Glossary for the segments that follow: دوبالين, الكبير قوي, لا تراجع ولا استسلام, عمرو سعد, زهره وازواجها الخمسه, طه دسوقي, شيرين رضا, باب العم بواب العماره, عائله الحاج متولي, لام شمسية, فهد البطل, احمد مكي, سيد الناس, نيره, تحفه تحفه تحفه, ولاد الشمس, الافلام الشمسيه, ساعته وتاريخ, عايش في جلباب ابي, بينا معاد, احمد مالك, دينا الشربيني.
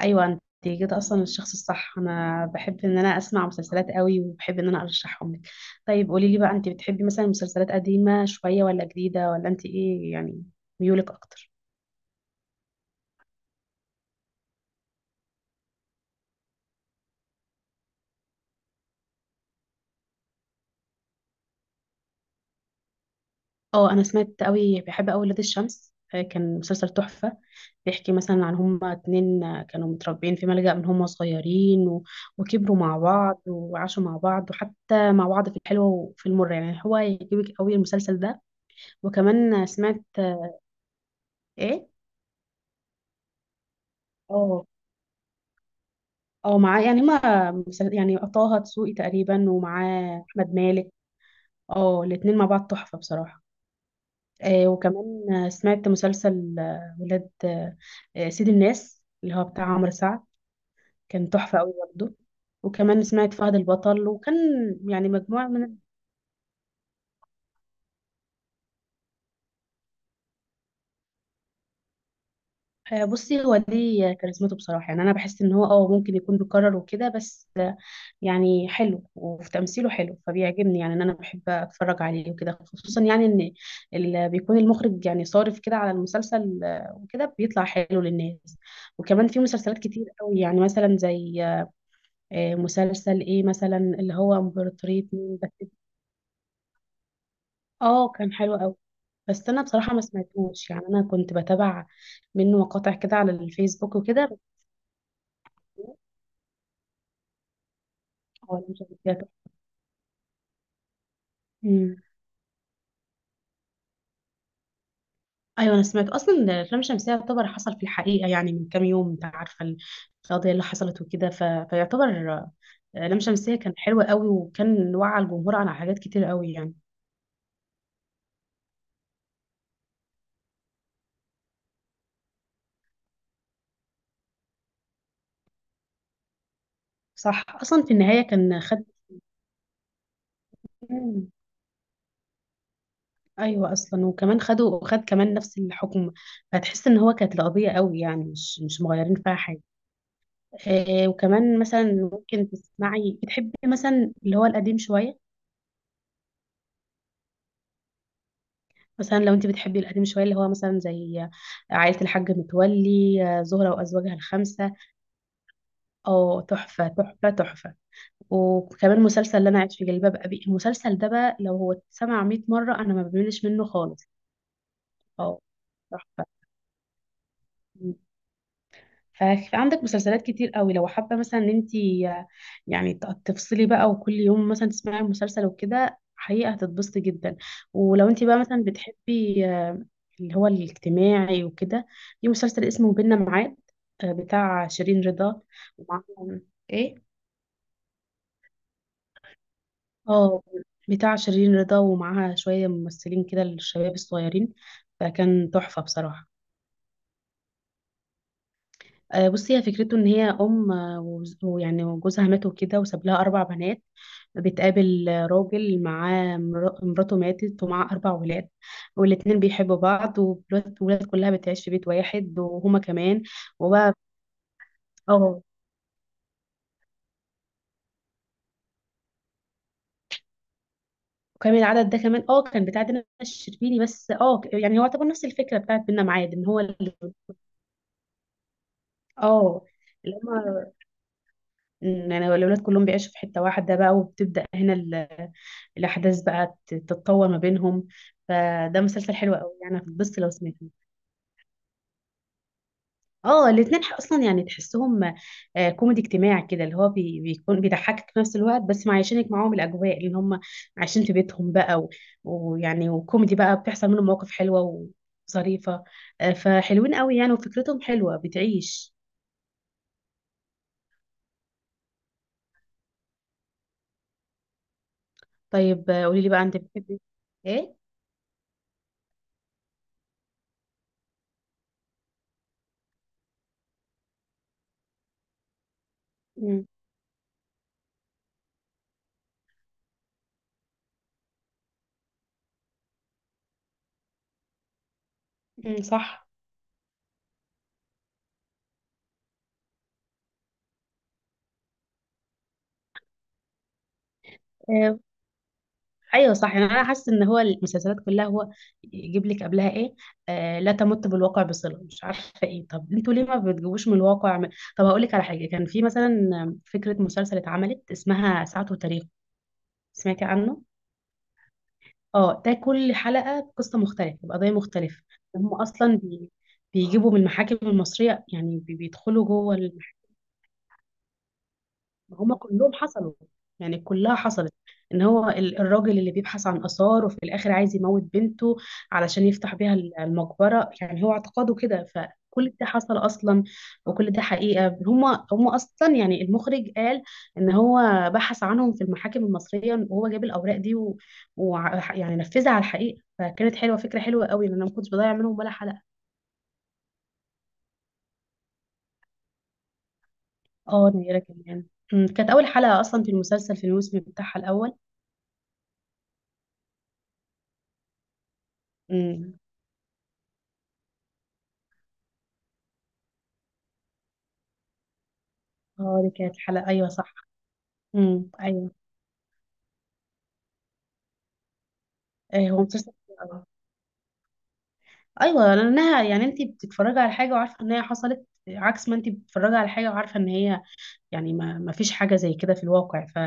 ايوه، انت جيت اصلا الشخص الصح. انا بحب ان انا اسمع مسلسلات قوي، وبحب ان انا ارشحهم لك. طيب قولي لي بقى، انت بتحبي مثلا مسلسلات قديمه شويه ولا جديده، ولا انت ايه يعني ميولك اكتر؟ اه، انا سمعت قوي، بحب قوي ولاد الشمس. كان مسلسل تحفه. بيحكي مثلا عن هما اتنين، كانوا متربيين في ملجأ من هما صغيرين وكبروا مع بعض وعاشوا مع بعض، وحتى مع بعض في الحلوه وفي المره. يعني هو يعجبك قوي المسلسل ده. وكمان سمعت ايه؟ اه، اه، معاه. يعني ما مسل- يعني طه دسوقي تقريبا ومعاه احمد مالك. اه، الاتنين مع بعض تحفة بصراحة. وكمان، سمعت مسلسل، ولاد، سيد الناس اللي هو بتاع عمرو سعد. كان تحفة قوي برضه. وكمان سمعت فهد البطل، وكان يعني مجموعة من، بصي، هو دي كاريزمته بصراحة. يعني أنا بحس إن هو اه ممكن يكون بيكرر وكده، بس يعني حلو وفي تمثيله حلو، فبيعجبني. يعني ان انا بحب اتفرج عليه وكده، خصوصا يعني ان اللي بيكون المخرج يعني صارف كده على المسلسل، وكده بيطلع حلو للناس. وكمان في مسلسلات كتير قوي، يعني مثلا زي مسلسل ايه مثلا، اللي هو امبراطورية مين بس. اه كان حلو قوي، بس انا بصراحة ما سمعتوش. يعني انا كنت بتابع منه مقاطع كده على الفيسبوك وكده بس. هو أنا مش هتابعه. ايوه، انا سمعت اصلا إن الافلام الشمسيه يعتبر حصل في الحقيقه. يعني من كام يوم انت عارفه القضيه اللي حصلت وكده، فيعتبر لام شمسية كان حلوة قوي، وكان وعى الجمهور على حاجات كتير قوي يعني. صح، أصلا في النهاية كان خد مم. أيوة، أصلا وكمان خدوا، وخد كمان نفس الحكم. فتحس إن هو كانت القضية قوي، يعني مش مغيرين فيها حاجة. وكمان مثلا ممكن تسمعي، بتحبي مثلا اللي هو القديم شوية. مثلا لو انت بتحبي القديم شويه، اللي هو مثلا زي عائله الحاج متولي، زهره وازواجها الخمسه. او تحفه تحفه تحفه. وكمان مسلسل اللي انا عايش في جلباب ابي. المسلسل ده بقى لو هو اتسمع 100 مره انا ما بملش منه خالص. اه، تحفه. ففي عندك مسلسلات كتير قوي لو حابة مثلا ان انت يعني تفصلي بقى، وكل يوم مثلا تسمعي مسلسل وكده، حقيقة هتتبسطي جدا. ولو انت بقى مثلا بتحبي اللي هو الاجتماعي وكده، في مسلسل اسمه بينا معاد، بتاع شيرين رضا ومعاهم. ايه؟ اه، بتاع شيرين رضا ومعاها شوية ممثلين كده الشباب الصغيرين. فكان تحفة بصراحة. بصي، هي فكرته ان هي ام، ويعني وجوزها مات وكده، وساب لها اربع بنات. بتقابل راجل معاه مراته ماتت، ومعاه اربع ولاد. والاتنين بيحبوا بعض، والولاد كلها بتعيش في بيت واحد، وهما كمان وبقى. اه، وكمان العدد ده كمان اه كان بتاع دينا الشربيني. بس اه يعني هو يعتبر نفس الفكره بتاعت بينا معاد، ان هو اه، اللي هما أمم، يعني الأولاد كلهم بيعيشوا في حتة واحدة بقى، وبتبدأ هنا الأحداث بقى تتطور ما بينهم. فده مسلسل حلو قوي، يعني هتتبسط لو سمعته. اه الاتنين أصلا يعني تحسهم كوميدي اجتماعي كده، اللي هو بيكون بيضحكك في نفس الوقت، بس معيشينك معاهم الأجواء اللي هم عايشين في بيتهم بقى ويعني وكوميدي بقى، بتحصل منهم مواقف حلوة وظريفة. فحلوين قوي يعني، وفكرتهم حلوة بتعيش. طيب، قولي لي بقى، أنت بتحبي إيه؟ أمم، أمم، صح. ايوه صح، يعني انا حاسه ان هو المسلسلات كلها هو يجيب لك قبلها ايه. آه لا تمت بالواقع بصله، مش عارفه ايه. طب انتوا ليه ما بتجيبوش من الواقع من... طب هقول لك على حاجه. كان في مثلا فكره مسلسل اتعملت اسمها ساعته وتاريخ. سمعتي عنه؟ اه ده كل حلقه بقصه مختلفه بقضيه مختلفه. هم اصلا بي... بيجيبوا من المحاكم المصريه، يعني بيدخلوا جوه. ما هم كلهم حصلوا، يعني كلها حصلت. ان هو الراجل اللي بيبحث عن اثار، وفي الاخر عايز يموت بنته علشان يفتح بيها المقبره، يعني هو اعتقاده كده. فكل ده حصل اصلا، وكل ده حقيقه. هم اصلا يعني المخرج قال ان هو بحث عنهم في المحاكم المصريه، وهو جاب الاوراق دي و... و... يعني نفذها على الحقيقه. فكانت حلوه، فكره حلوه قوي، لان انا ما كنتش بضيع منهم ولا حلقه. اه، نيره كمان. أمم، كانت اول حلقه اصلا في المسلسل في الموسم بتاعها الاول. أمم. اه دي كانت حلقة، ايوه صح. ايوه. ايه، هو مسلسل حلو أوي. ايوه، لانها يعني انت بتتفرجي على حاجة وعارفة ان هي حصلت، عكس ما انت بتتفرجي على حاجة وعارفة ان هي يعني ما فيش حاجة زي كده في الواقع، ف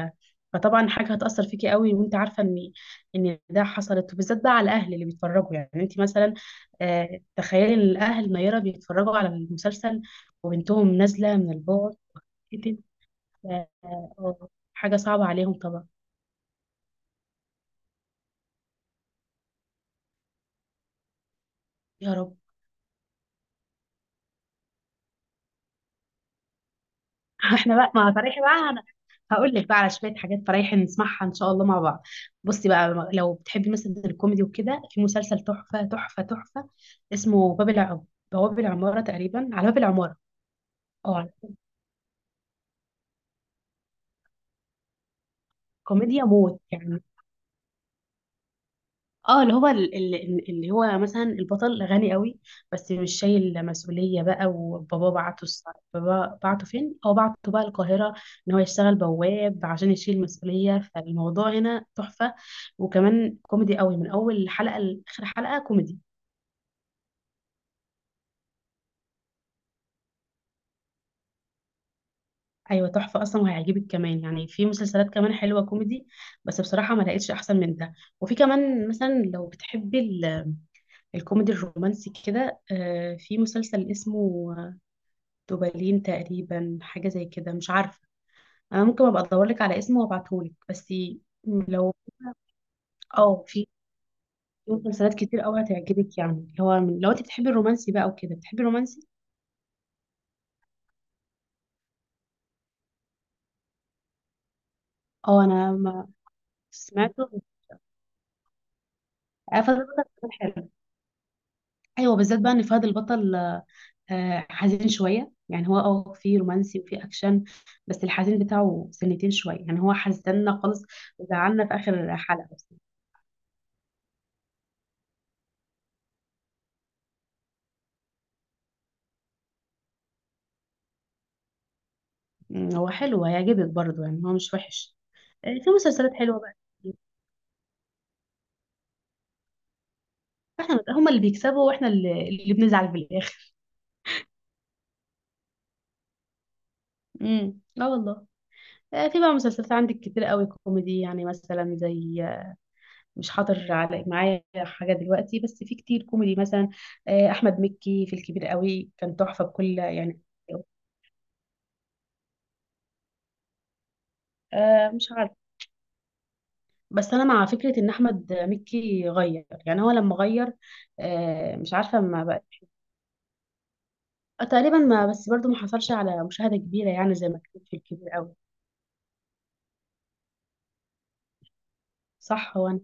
فطبعا حاجة هتأثر فيكي قوي، وانت عارفة ان ان ده حصلت. وبالذات بقى على الاهل اللي بيتفرجوا، يعني انت مثلا آه تخيلي ان الاهل نيرة بيتفرجوا على المسلسل وبنتهم نازلة من البعد كده. آه آه، حاجة صعبة عليهم طبعا. يا رب. احنا بقى ما فريحي بقى انا. هقول لك بقى على شويه حاجات فريحي نسمعها ان شاء الله مع بعض. بصي بقى لو بتحبي مثلا الكوميدي وكده، في مسلسل تحفه تحفه تحفه اسمه باب العم، بواب العماره تقريبا، على باب العماره. اه كوميديا موت يعني. اه اللي هو اللي هو مثلا البطل غني قوي، بس مش شايل مسؤولية بقى. بابا بعته فين؟ هو بعته بقى القاهرة، ان هو يشتغل بواب عشان يشيل مسؤولية. فالموضوع هنا تحفة، وكمان كوميدي قوي من اول حلقة لاخر حلقة كوميدي. ايوه تحفة اصلا وهيعجبك. كمان يعني في مسلسلات كمان حلوة كوميدي، بس بصراحة ما لقيتش احسن من ده. وفي كمان مثلا لو بتحبي الكوميدي الرومانسي كده، في مسلسل اسمه دوبالين تقريبا، حاجة زي كده مش عارفة. أنا ممكن أبقى أدورلك على اسمه وأبعتهولك بس. لو اه في مسلسلات كتير أوي هتعجبك، يعني اللي هو من- لو أنت بتحبي الرومانسي بقى وكده، بتحبي الرومانسي. اه أنا ما سمعته. فهد البطل كان حلو. أيوه بالذات بقى إن فهد البطل حزين شوية، يعني هو اه في رومانسي وفي أكشن، بس الحزين بتاعه سنتين شوية، يعني هو حزننا خالص وزعلنا في آخر حلقة بس. مم، هو حلو هيعجبك برضه، يعني هو مش وحش. في مسلسلات حلوة بقى. هما اللي بيكسبوا واحنا اللي بنزعل في الاخر. اه والله. في بقى مسلسلات عندك كتير قوي كوميدي، يعني مثلا زي مش حاضر على معايا حاجة دلوقتي، بس في كتير كوميدي مثلا أحمد مكي في الكبير قوي كان تحفة بكل يعني. مش عارف، بس أنا مع فكرة إن أحمد مكي غير، يعني هو لما غير مش عارفة ما بقى. تقريبا ما، بس برضو ما حصلش على مشاهدة كبيرة، يعني زي ما كان في الكبير قوي. صح، هو أنا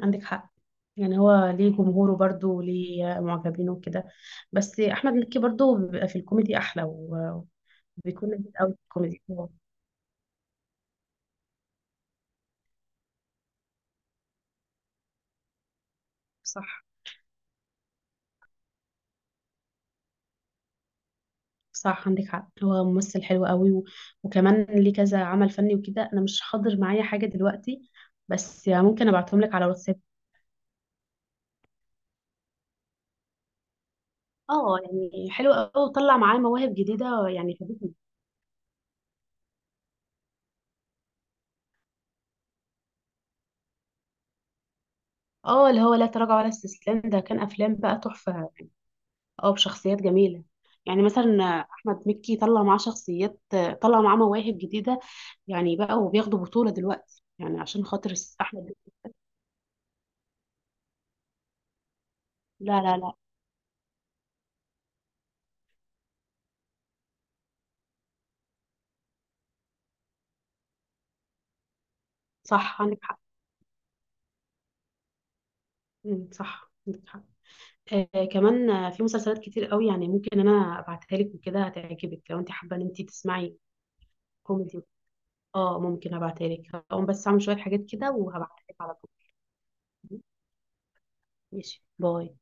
عندك حق. يعني هو ليه جمهوره برضه وليه معجبينه وكده، بس احمد مكي برضه بيبقى في الكوميدي احلى و، وبيكون لذيذ قوي في الكوميدي هو. صح، صح عندك حق. هو ممثل حلو قوي و... وكمان ليه كذا عمل فني وكده، انا مش حاضر معايا حاجه دلوقتي، بس ممكن ابعتهم لك على واتساب. اه يعني حلو قوي، وطلع معاه مواهب جديده يعني فادتني. اه اللي هو لا تراجع ولا استسلام ده، كان افلام بقى تحفه. اه بشخصيات جميلة. يعني مثلا أحمد مكي طلع معاه شخصيات، طلع معاه مواهب جديدة، يعني بقى وبياخدوا بطولة دلوقتي، يعني عشان خاطر أحمد مكي. لا لا لا. صح عندك حق. مم، صح عندك حق. آه كمان، في مسلسلات كتير قوي يعني، ممكن أنا أبعتها لك وكده هتعجبك، لو أنت حابة إن أنت تسمعي كوميدي. اه ممكن أبعتها لك، هقوم بس أعمل شوية حاجات كده وهبعتها لك على طول. ماشي، باي.